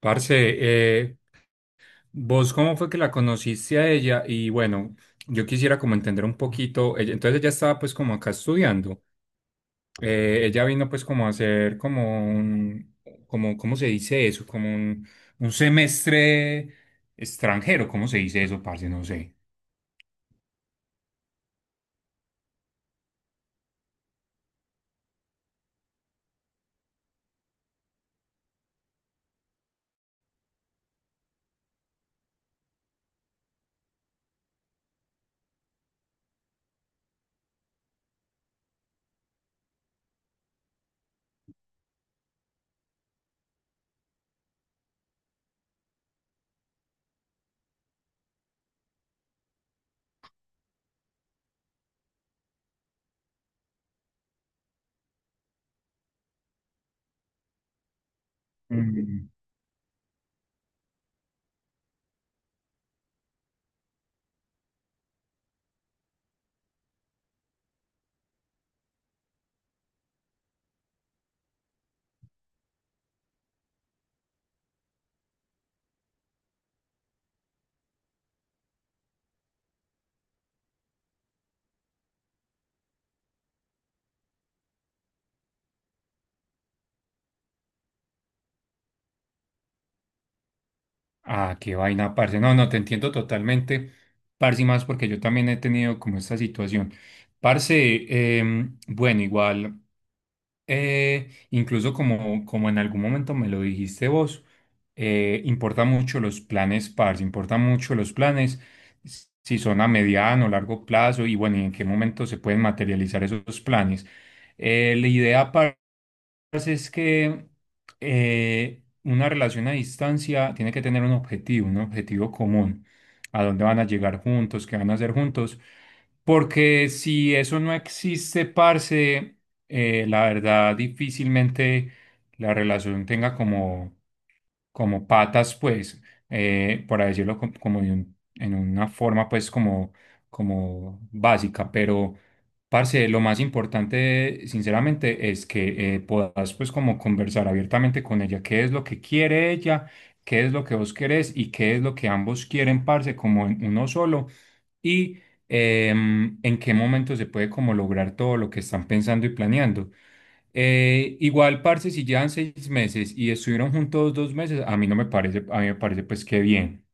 Parce, eh, ¿vos cómo fue que la conociste a ella? Y bueno, yo quisiera como entender un poquito, entonces ella estaba pues como acá estudiando. Ella vino pues como a hacer como ¿cómo se dice eso? Un semestre extranjero. ¿Cómo se dice eso, parce? No sé. Mm. Ah, qué vaina, parce. No, no, te entiendo totalmente, parce, y más porque yo también he tenido como esta situación. Parce, bueno, igual. Incluso como en algún momento me lo dijiste vos, importa mucho los planes PARS, importa mucho los planes, si son a mediano, largo plazo, y bueno, y en qué momento se pueden materializar esos planes. La idea pasa es que una relación a distancia tiene que tener un objetivo común, a dónde van a llegar juntos, qué van a hacer juntos, porque si eso no existe, parce, la verdad difícilmente la relación tenga como patas, pues, por decirlo como en una forma, pues, como, como básica, pero, parce, lo más importante, sinceramente, es que puedas, pues, como conversar abiertamente con ella, qué es lo que quiere ella, qué es lo que vos querés y qué es lo que ambos quieren, parce, como en uno solo, y en qué momento se puede como lograr todo lo que están pensando y planeando. Igual, parce, si llevan 6 meses y estuvieron juntos 2 meses, a mí no me parece, a mí me parece pues que bien.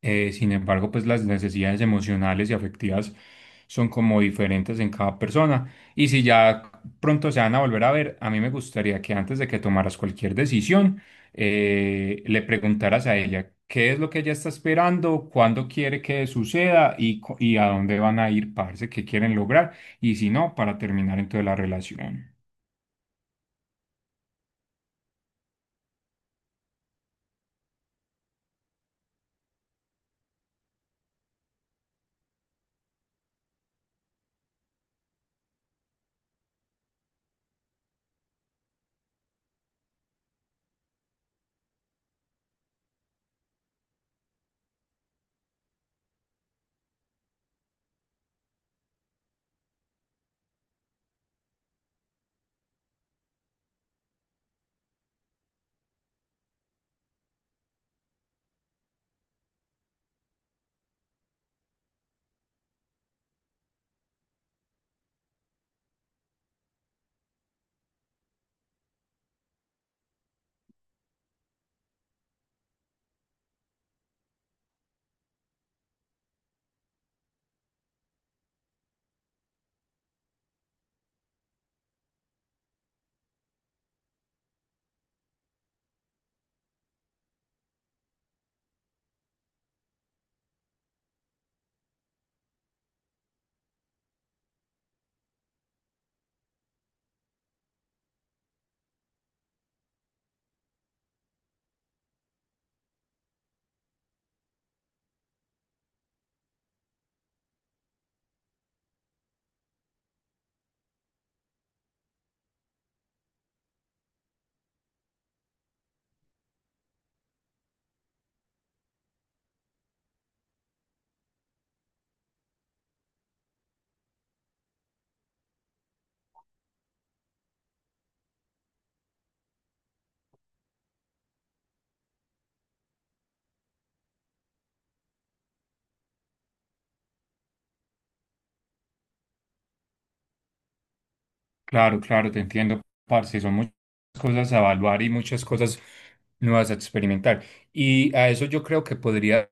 Sin embargo, pues las necesidades emocionales y afectivas son como diferentes en cada persona. Y si ya pronto se van a volver a ver, a mí me gustaría que antes de que tomaras cualquier decisión, le preguntaras a ella qué es lo que ella está esperando, cuándo quiere que suceda y, y a dónde van a ir, parce, qué quieren lograr. Y si no, para terminar entonces la relación. Claro, claro, te entiendo, parce. Son muchas cosas a evaluar y muchas cosas nuevas a experimentar. Y a eso yo creo que podría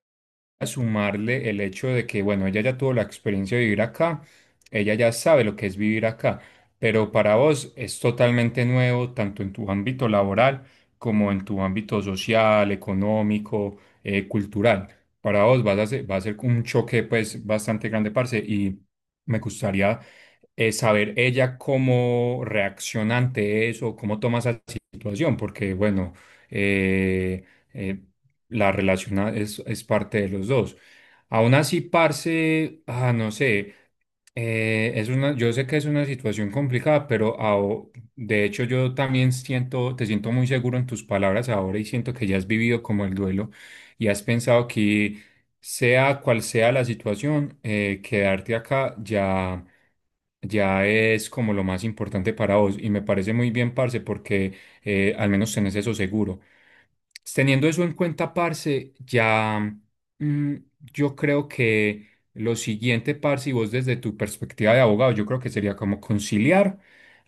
sumarle el hecho de que, bueno, ella ya tuvo la experiencia de vivir acá, ella ya sabe lo que es vivir acá, pero para vos es totalmente nuevo, tanto en tu ámbito laboral como en tu ámbito social, económico, cultural. Para vos va a ser un choque, pues, bastante grande, parce, y me gustaría saber ella cómo reacciona ante eso, cómo toma esa situación, porque bueno, eh, eh, la relación es parte de los dos. Aún así, parce, ah, no sé, yo sé que es una situación complicada, pero de hecho yo también siento, te siento muy seguro en tus palabras ahora y siento que ya has vivido como el duelo y has pensado que sea cual sea la situación, quedarte acá ya es como lo más importante para vos. Y me parece muy bien, parce, porque al menos tenés eso seguro. Teniendo eso en cuenta, parce, ya mm, yo creo que lo siguiente, parce, y vos desde tu perspectiva de abogado, yo creo que sería como conciliar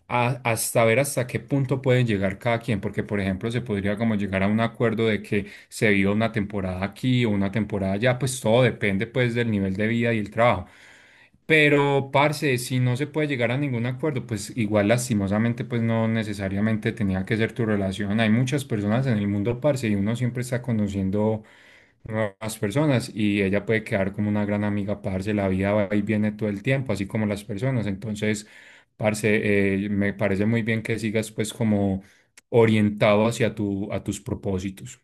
hasta ver hasta qué punto pueden llegar cada quien, porque por ejemplo se podría como llegar a un acuerdo de que se viva una temporada aquí o una temporada allá, pues todo depende pues del nivel de vida y el trabajo. Pero, parce, si no se puede llegar a ningún acuerdo, pues igual lastimosamente, pues no necesariamente tenía que ser tu relación. Hay muchas personas en el mundo, parce, y uno siempre está conociendo nuevas personas y ella puede quedar como una gran amiga, parce, la vida va y viene todo el tiempo, así como las personas. Entonces, parce, me parece muy bien que sigas pues como orientado hacia a tus propósitos.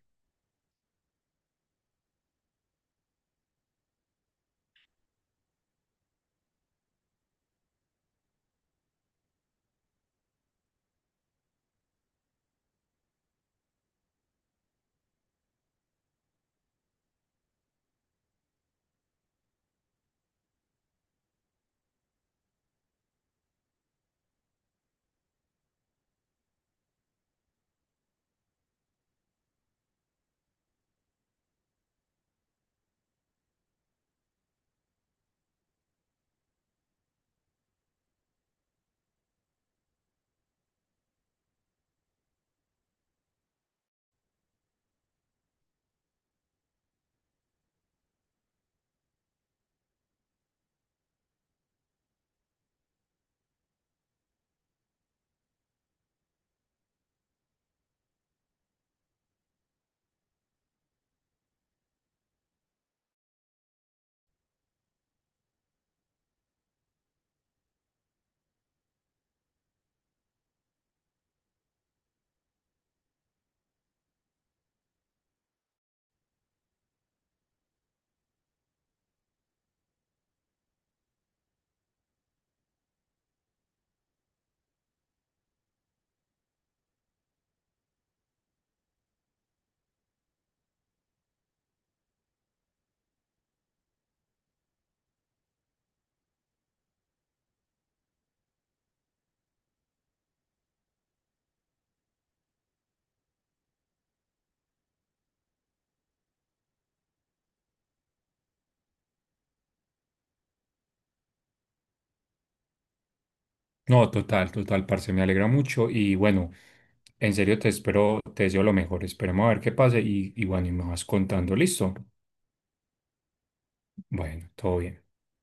No, total, total, parce, me alegra mucho y bueno, en serio te espero, te deseo lo mejor, esperemos a ver qué pase y bueno, y me vas contando, listo. Bueno, todo bien.